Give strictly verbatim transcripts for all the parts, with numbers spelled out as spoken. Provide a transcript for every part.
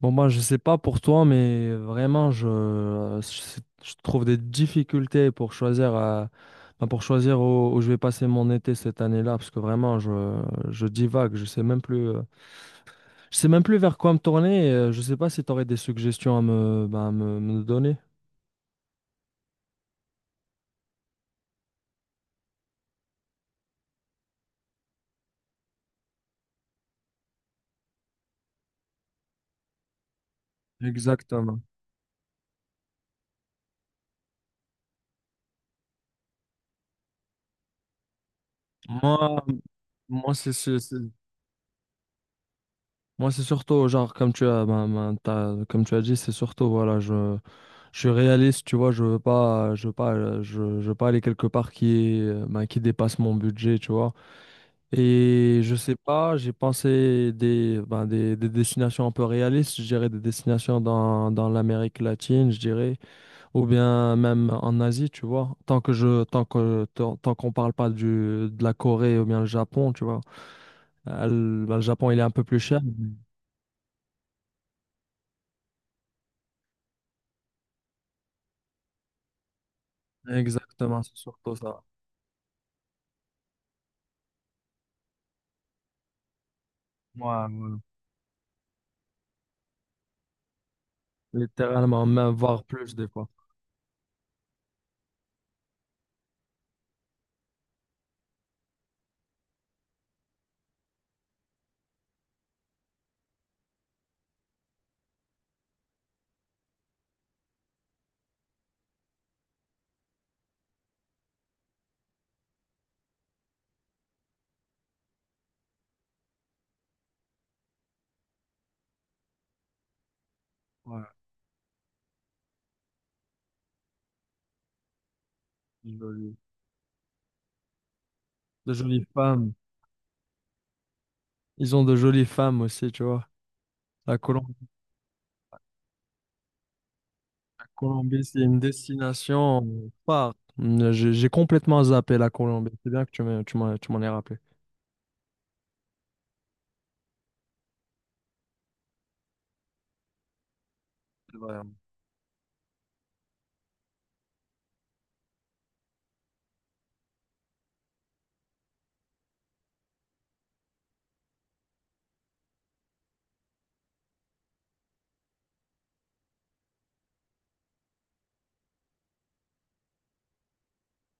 Bon, moi, je sais pas pour toi, mais vraiment, je, euh, je- je trouve des difficultés pour choisir, euh, ben, pour choisir où, où je vais passer mon été cette année-là, parce que vraiment, je, je divague, je sais même plus, euh, je sais même plus vers quoi me tourner, et, euh, je sais pas si tu aurais des suggestions à me, ben, à me, me donner. Exactement. Moi, moi, c'est, c'est- c'est- moi, c'est surtout, genre, comme tu as, ben, ben, t'as- comme tu as dit, c'est surtout, voilà, je, je suis réaliste, tu vois, je veux pas, je veux pas, euh, je, je veux pas aller quelque part qui est, euh, ben, qui dépasse mon budget, tu vois. Et je sais pas, j'ai pensé des, ben, des, des destinations un peu réalistes, je dirais des destinations dans, dans l'Amérique latine, je dirais, ou bien même en Asie, tu vois. Tant que je, tant que, tant, tant qu'on parle pas du, de la Corée ou bien le Japon, tu vois. Euh, le ben, le Japon, il est un peu plus cher. Mhm. Exactement, c'est surtout ça. Ouais, ouais. Littéralement, même voir plus des fois. Joli. De jolies femmes. Ils ont de jolies femmes aussi, tu vois. La Colom- la Colombie, c'est une destination phare. Mm, J'ai j'ai complètement zappé la Colombie. C'est bien que tu m'aies- tu m'en tu m'en aies rappelé. C'est vrai, hein,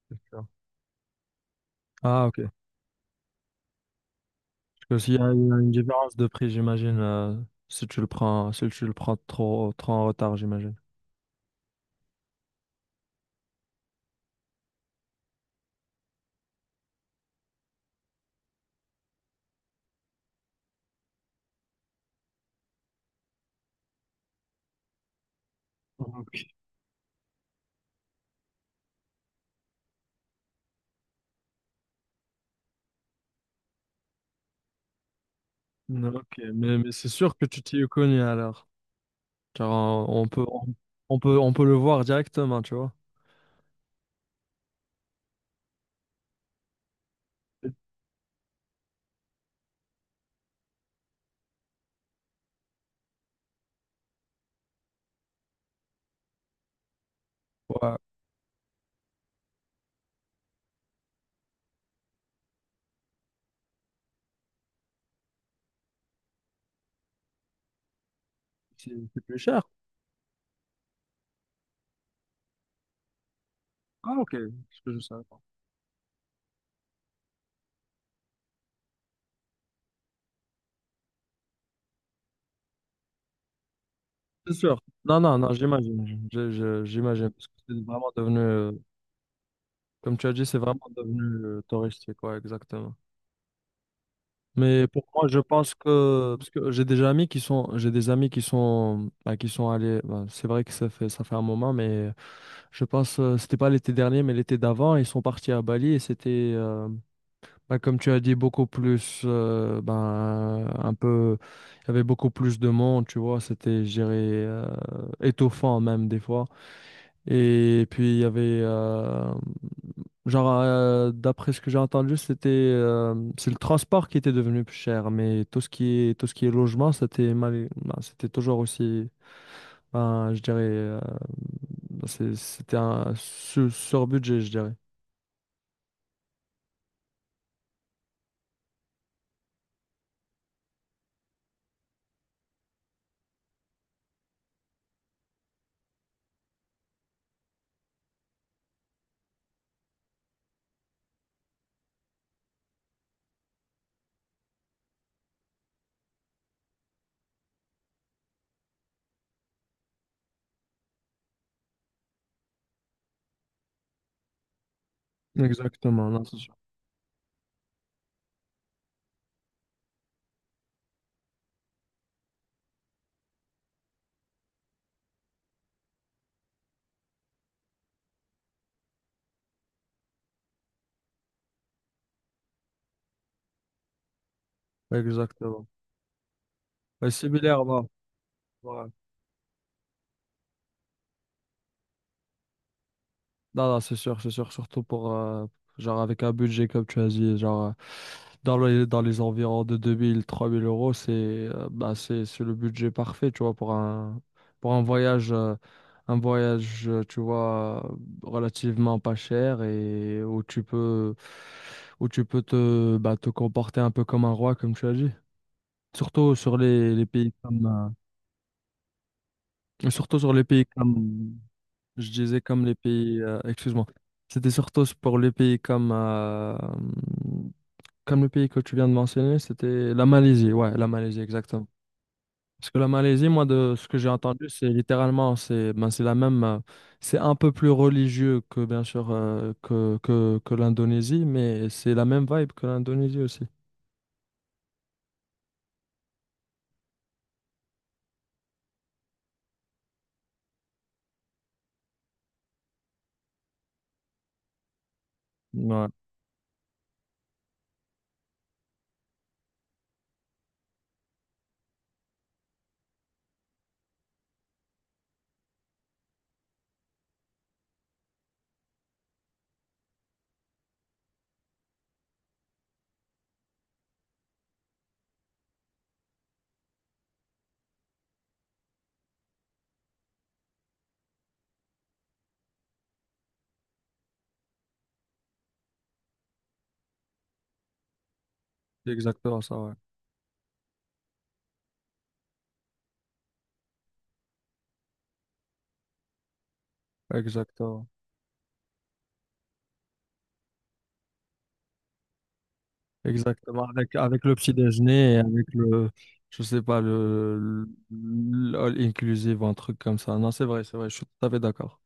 c'est sûr. Ah, ok. Parce qu'il y a il y a une différence de prix, j'imagine, euh, si tu le prends, si tu le prends trop, trop en retard, j'imagine. Ok, non, ok. mais, mais c'est sûr que tu t'y es connu alors. Car on, on peut, on, on peut, on peut le voir directement, tu vois. Ouais, c'est c'est plus cher. Ah, ok, je, je savais pas. C'est sûr. Non, non, non, j'imagine. Je- je- J'imagine. Parce que c'est vraiment devenu, euh, comme tu as dit, c'est vraiment devenu euh, touristique, ouais, exactement. Mais pour moi, je pense que, parce que j'ai des amis qui sont, j'ai des amis qui sont, bah, qui sont allés, bah, c'est vrai que ça fait, ça fait un moment, mais euh, je pense, euh, c'était pas l'été dernier, mais l'été d'avant, ils sont partis à Bali et c'était, euh, bah, comme tu as dit, beaucoup plus, euh, ben, un peu, il y avait beaucoup plus de monde, tu vois, c'était, je dirais, euh, étouffant même des fois. Et puis, il y avait, euh, genre, euh, d'après ce que j'ai entendu, c'était, euh, c'est le transport qui était devenu plus cher, mais tout ce qui est, tout ce qui est logement, c'était mal, ben, c'était toujours aussi, ben, je dirais, euh, c'est- c'était un sur- sur-budget, je dirais. Exactement, non, c'est sûr. Exactement. Ouais, similaire, non. Ouais. Non, non, c'est sûr, c'est sûr. Surtout pour, euh, genre, avec un budget, comme tu as dit, genre, euh, dans les, dans les environs de deux mille trois mille euros, c'est euh, bah, c'est, c'est le budget parfait, tu vois, pour un, pour un voyage, euh, un voyage, euh, tu vois, euh, relativement pas cher et où tu peux, où tu peux te, bah, te comporter un peu comme un roi, comme tu as dit. Surtout sur les, les pays comme, euh, surtout sur les pays comme, je disais comme les pays, euh, excuse-moi, c'était surtout pour les pays comme, euh, comme le pays que tu viens de mentionner, c'était la Malaisie, ouais, la Malaisie, exactement. Parce que la Malaisie, moi, de ce que j'ai entendu, c'est littéralement, c'est ben, c'est la même, euh, c'est un peu plus religieux que, bien sûr, euh, que, que, que l'Indonésie, mais c'est la même vibe que l'Indonésie aussi. Ouais, c'est exactement ça, ouais. Exactement. Exactement, avec, avec le petit déjeuner et avec le, je sais pas, le, le- all inclusive, un truc comme ça. Non, c'est vrai, c'est vrai, je suis tout à fait d'accord.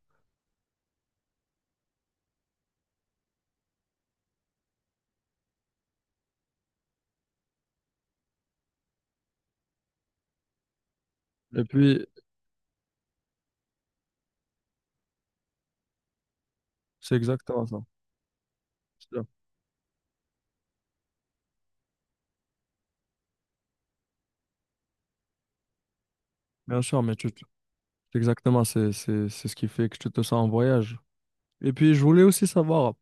Et puis, c'est exactement ça. C'est sûr. Bien sûr, mais tu, tu- c'est exactement, c'est, c'est, c'est ce qui fait que tu te sens en voyage. Et puis, je voulais aussi savoir,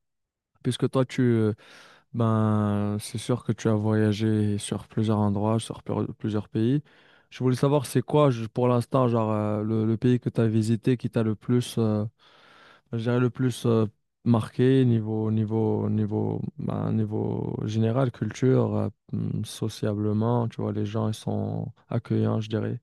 puisque toi, tu, euh, ben, c'est sûr que tu as voyagé sur plusieurs endroits, sur pleur- plusieurs pays. Je voulais savoir, c'est quoi, je- pour l'instant, genre, euh, le, le pays que tu as visité qui t'a le plus. euh, Je dirais le plus euh, marqué, niveau niveau niveau bah, niveau général, culture, euh, hmm, sociablement, tu vois, les gens ils sont accueillants, je dirais.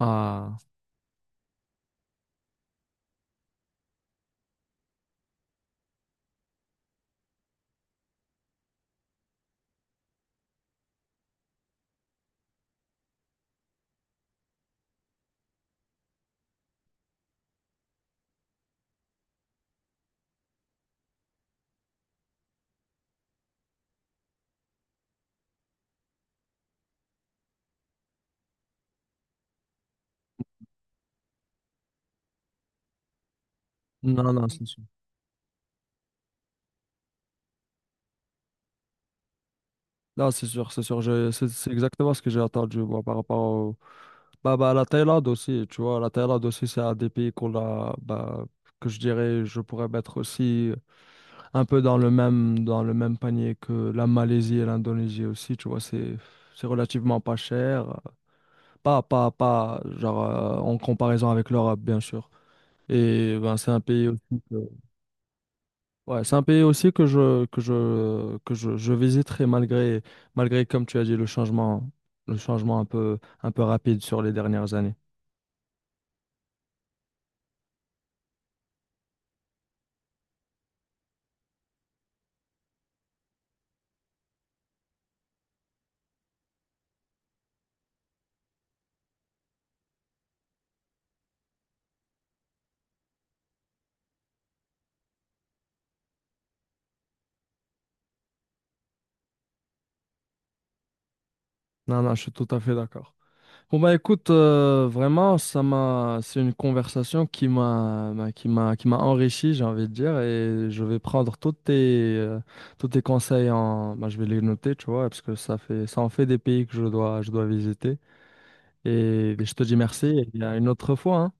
Ah. Non, non, c'est sûr. Non, c'est sûr, c'est sûr. je- c'est c'est exactement ce que j'ai entendu, moi, par rapport au bah, bah la Thaïlande aussi, tu vois, la Thaïlande aussi, c'est un des pays qu'on a, bah, que je dirais je pourrais mettre aussi un peu dans le même dans le même panier que la Malaisie et l'Indonésie aussi, tu vois, c'est c'est relativement pas cher. Pas, pas, pas, genre, euh, en comparaison avec l'Europe, bien sûr. Et ben, c'est un pays aussi que, ouais, c'est un pays aussi que je, que je, que je, je visiterai malgré, malgré, comme tu as dit, le changement, le changement un peu, un peu rapide sur les dernières années. Non, non, je suis tout à fait d'accord. Bon bah écoute, euh, vraiment, ça m'a, c'est une conversation qui m'a, m'a- qui m'a, qui m'a enrichi, j'ai envie de dire, et je vais prendre tous tes, euh, tous tes conseils en, bah, je vais les noter, tu vois, parce que ça fait, ça en fait des pays que je dois, je dois visiter. Et je te dis merci, et à une autre fois, hein.